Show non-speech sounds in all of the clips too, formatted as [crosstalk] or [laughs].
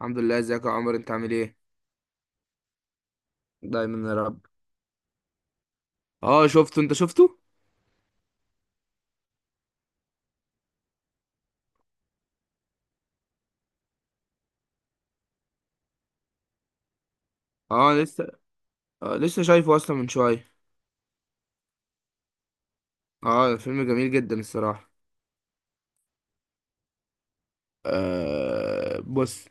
الحمد لله، ازيك يا عمر، انت عامل ايه؟ دايما يا رب. اه شفته. انت شفته. اه لسه. آه لسه شايفه اصلا من شويه. اه، فيلم جميل جدا الصراحه. آه بص،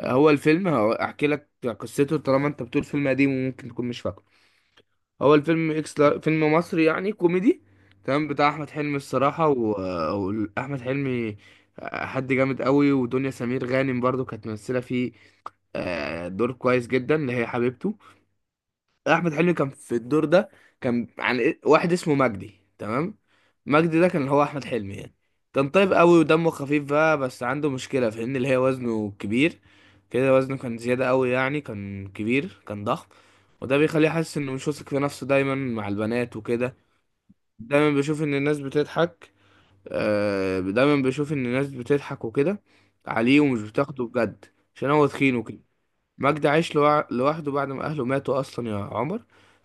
هو الفيلم احكي لك قصته، طالما انت بتقول فيلم قديم وممكن تكون مش فاكره. هو الفيلم فيلم مصري يعني كوميدي، تمام، بتاع احمد حلمي الصراحه. واحمد حلمي حد جامد قوي، ودنيا سمير غانم برضو كانت ممثله فيه. دور كويس جدا اللي هي حبيبته. احمد حلمي كان في الدور ده. كان عن واحد اسمه مجدي، تمام. مجدي ده كان هو احمد حلمي يعني. كان طيب قوي ودمه خفيف بقى، بس عنده مشكله في ان اللي هي وزنه كبير كده. وزنه كان زياده قوي، يعني كان كبير، كان ضخم. وده بيخليه حاسس انه مش واثق في نفسه دايما مع البنات وكده. دايما بيشوف ان الناس بتضحك. دايما بيشوف ان الناس بتضحك وكده عليه، ومش بتاخده بجد عشان هو تخين وكده. مجدي عايش لوحده بعد ما اهله ماتوا اصلا يا عمر،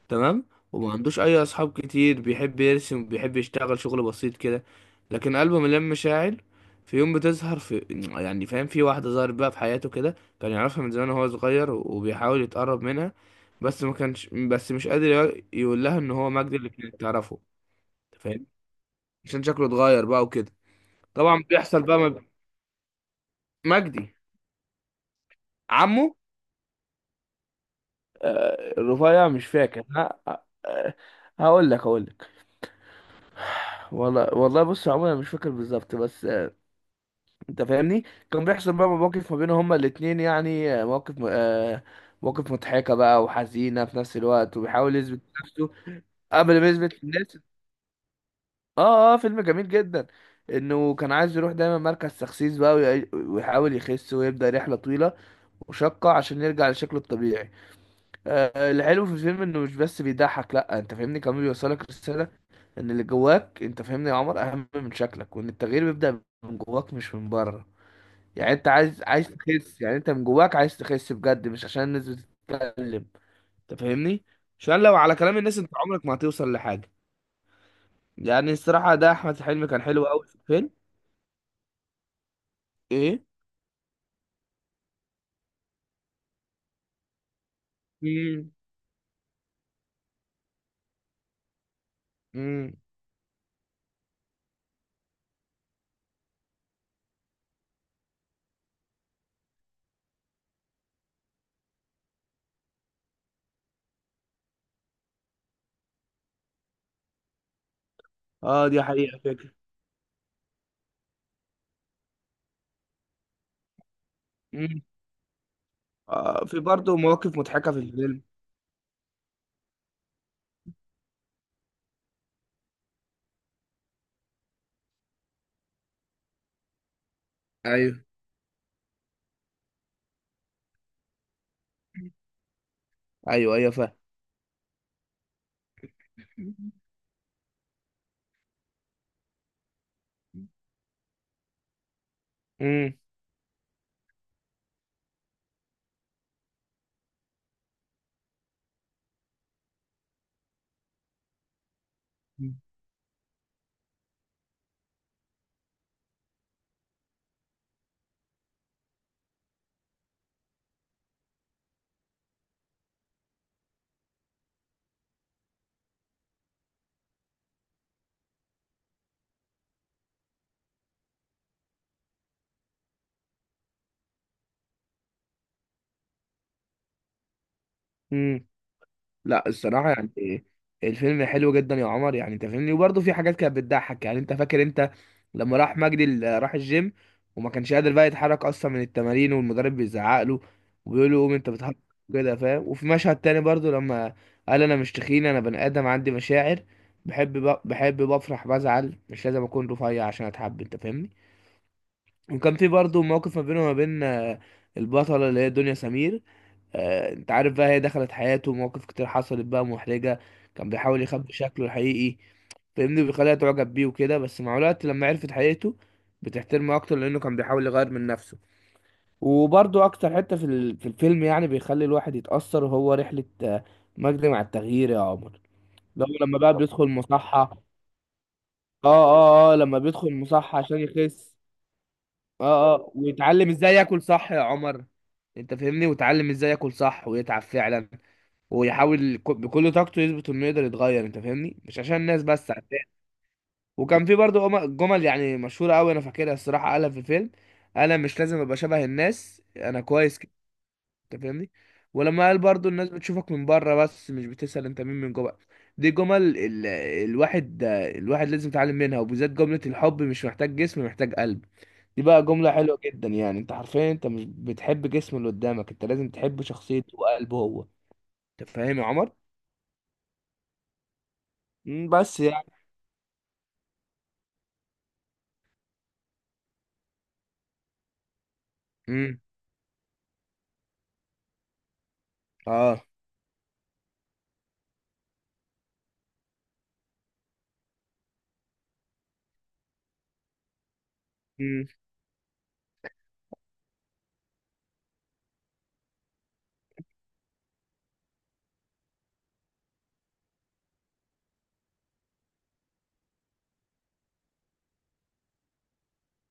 تمام. وما عندوش اي اصحاب كتير، بيحب يرسم، بيحب يشتغل شغل بسيط كده، لكن قلبه مليان مشاعر. في يوم بتظهر في [clears throat] يعني فاهم، في واحدة ظهرت بقى في حياته كده، كان يعرفها من زمان وهو صغير وبيحاول يتقرب منها. بس ما كانش، بس مش قادر يقول لها ان هو مجدي اللي كانت تعرفه. أنت فاهم، عشان شكله اتغير بقى وكده. طبعا بيحصل بقى. مجدي. عمه. رفيع مش فاكر ها. آه، هقول لك. والله والله، بص يا عمر، انا مش فاكر بالظبط، بس انت فاهمني. كان بيحصل بقى مواقف ما بينهم هما الاتنين، يعني آه، مواقف م- آه، مواقف مضحكة بقى وحزينة في نفس الوقت، وبيحاول يثبت نفسه قبل ما يثبت للناس. اه اه، فيلم جميل جدا، انه كان عايز يروح دايما مركز تخسيس بقى، ويحاول يخس، ويبدأ رحلة طويلة وشاقة عشان يرجع لشكله الطبيعي. الحلو في الفيلم انه مش بس بيضحك، لا انت فاهمني، كمان بيوصلك رسالة، ان اللي جواك انت فاهمني يا عمر اهم من شكلك، وان التغيير بيبدأ من جواك مش من بره. يعني انت عايز تخس، يعني انت من جواك عايز تخس بجد، مش عشان الناس بتتكلم. انت فاهمني، عشان لو على كلام الناس انت عمرك ما هتوصل لحاجة. يعني الصراحة ده احمد حلمي كان حلو قوي في الفيلم. ايه. امم. امم. اه دي حقيقة فكرة. امم. في برضه مواقف مضحكة في الفيلم. ايوه ايوه ايوه فاهم. [laughs] امم. امم. لا الصراحه يعني الفيلم حلو جدا يا عمر، يعني انت فاهمني، وبرضه في حاجات كانت بتضحك يعني. انت فاكر انت لما راح مجدي راح الجيم، وما كانش قادر بقى يتحرك اصلا من التمارين، والمدرب بيزعق له وبيقول له قوم انت بتهرب، كده فاهم. وفي مشهد تاني برضه لما قال انا مش تخين، انا بني ادم عندي مشاعر، بحب بحب، بفرح، بزعل، مش لازم اكون رفيع عشان اتحب، انت فاهمني. وكان في برضه موقف ما بينه وما بين البطلة اللي هي دنيا سمير. انت عارف بقى، هي دخلت حياته، ومواقف كتير حصلت بقى محرجة. كان بيحاول يخبي شكله الحقيقي، فاهمني، بيخليها تعجب بيه وكده. بس مع الوقت لما عرفت حقيقته بتحترمه اكتر، لانه كان بيحاول يغير من نفسه. وبرضه اكتر حتة في في الفيلم، يعني بيخلي الواحد يتأثر، هو رحلة مجدي مع التغيير يا عمر، لو لما بقى بيدخل مصحة. اه اه اه، لما بيدخل مصحة عشان يخس. اه اه، ويتعلم ازاي ياكل صح يا عمر. انت فاهمني، ويتعلم ازاي ياكل صح ويتعب فعلا، ويحاول بكل طاقته يثبت انه يقدر يتغير، انت فاهمني، مش عشان الناس بس عشان. وكان في برضه جمل يعني مشهوره قوي انا فاكرها الصراحه، قالها في الفيلم، قال أنا مش لازم ابقى شبه الناس، انا كويس كده، انت فاهمني. ولما قال برضه الناس بتشوفك من بره، بس مش بتسأل انت مين من جوه. دي جمل. الواحد لازم يتعلم منها، وبالذات جملة الحب مش محتاج جسم، محتاج قلب. دي بقى جملة حلوة جدا، يعني انت حرفيا انت مش بتحب جسم اللي قدامك، انت لازم تحب شخصيته وقلبه هو. انت فاهم يا عمر؟ مم، بس يعني. امم. اه. امم.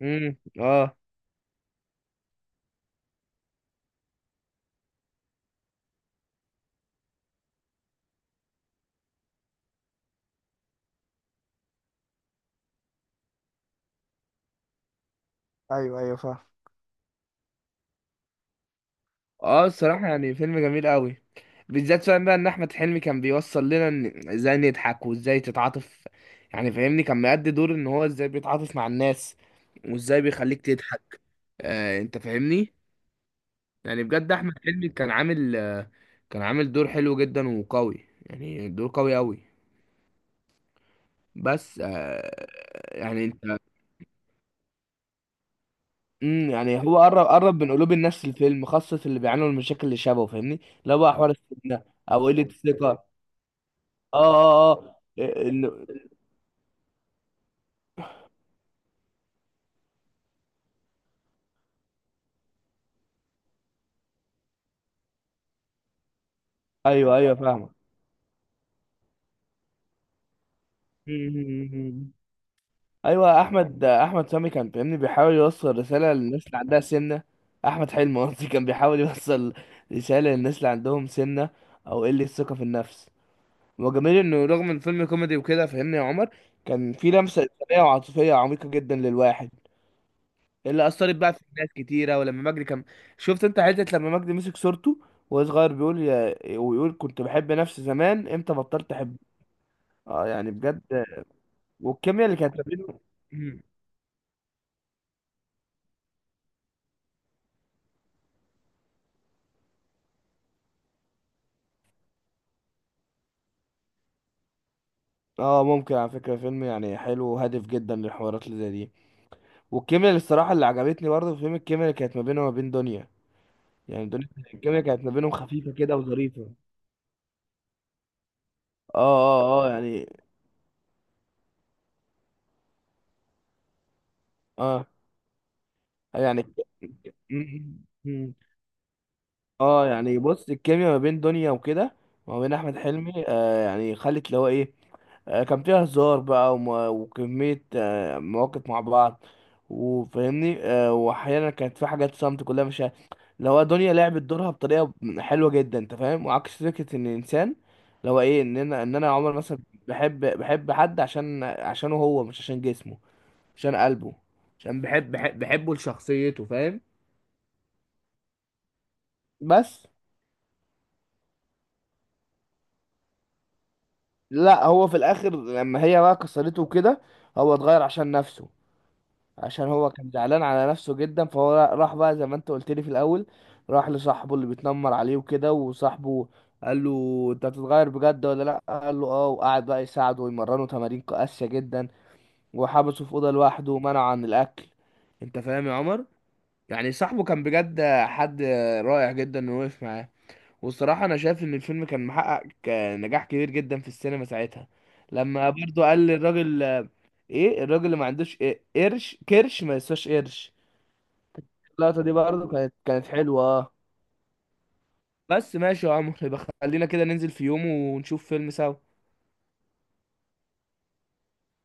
امم. اه. ايوه ايوه فاهم. اه الصراحة يعني فيلم جميل قوي، بالذات فاهم بقى ان احمد حلمي كان بيوصل لنا ان ازاي نضحك وازاي تتعاطف، يعني فاهمني، كان مأدي دور ان هو ازاي بيتعاطف مع الناس وازاي بيخليك تضحك، آه انت فاهمني. يعني بجد احمد حلمي كان عامل كان عامل دور حلو جدا وقوي، يعني دور قوي قوي. بس يعني انت. يعني هو قرب من قلوب الناس، الفيلم خاصة اللي بيعانوا من المشاكل اللي شبهه، فاهمني، لا بقى حوار السمنة او قلة الثقة. اه اه اه، ال- ايوه ايوه فاهمك. أمم. ايوه، احمد سامي كان، فاهمني، بيحاول يوصل رسالة للناس اللي عندها سمنة. احمد حلمي [laughs] قصدي، كان بيحاول يوصل رسالة للناس اللي عندهم سمنة او قلة ثقة في النفس. وجميل انه رغم الفيلم كوميدي وكده فاهمني يا عمر، كان في لمسة إنسانية وعاطفية عميقة جدا للواحد، اللي اثرت بقى في ناس كتيره. ولما مجدي كان، شفت انت حته لما مجدي مسك صورته وهو صغير بيقول ويقول كنت بحب نفسي زمان، امتى بطلت احب. اه يعني بجد. والكيمياء اللي كانت ما بينه. مم. اه، ممكن على فكره فيلم يعني حلو وهادف جدا للحوارات اللي زي دي. والكيمياء اللي الصراحه اللي عجبتني برضه في فيلم، الكيمياء اللي كانت ما بينه وما بين دنيا، يعني دنيا، الكيمياء كانت ما بينهم خفيفه كده وظريفه. اه اه اه يعني. اه يعني. مم. اه يعني بص، الكيميا ما بين دنيا وكده وما بين احمد حلمي، يعني خلت اللي هو ايه، كان فيها هزار بقى وكمية مواقف مع بعض. وفاهمني، واحيانا كانت في حاجات صمت كلها مش اللي هو دنيا لعبت دورها بطريقة حلوة جدا، انت فاهم، وعكس فكرة ان الانسان اللي هو ايه، ان انا عمر مثلا بحب حد عشانه هو، مش عشان جسمه، عشان قلبه، عشان بحبه لشخصيته، فاهم. بس. لا، هو في الاخر لما هي بقى كسرته كده هو اتغير عشان نفسه، عشان هو كان زعلان على نفسه جدا. فهو راح بقى زي ما انت قلت لي في الاول، راح لصاحبه اللي بيتنمر عليه وكده، وصاحبه قال له انت هتتغير بجد ولا لا؟ قال له اه، وقعد بقى يساعده ويمرنه تمارين قاسية جدا، وحبسه في اوضة لوحده ومنعه عن الاكل. انت فاهم يا عمر؟ يعني صاحبه كان بجد حد رائع جدا انه وقف معاه. والصراحة أنا شايف إن الفيلم كان محقق نجاح كبير جدا في السينما ساعتها. لما برضو قال للراجل إيه الراجل اللي ما عندوش إيه قرش، كرش ما يسواش قرش. اللقطة دي برضو كانت حلوة آه. بس ماشي يا عمرو، يبقى خلينا كده ننزل في يوم ونشوف فيلم سوا.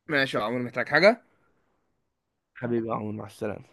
ماشي يا عمرو، محتاج حاجة؟ حبيبي يا عمرو، مع السلامة.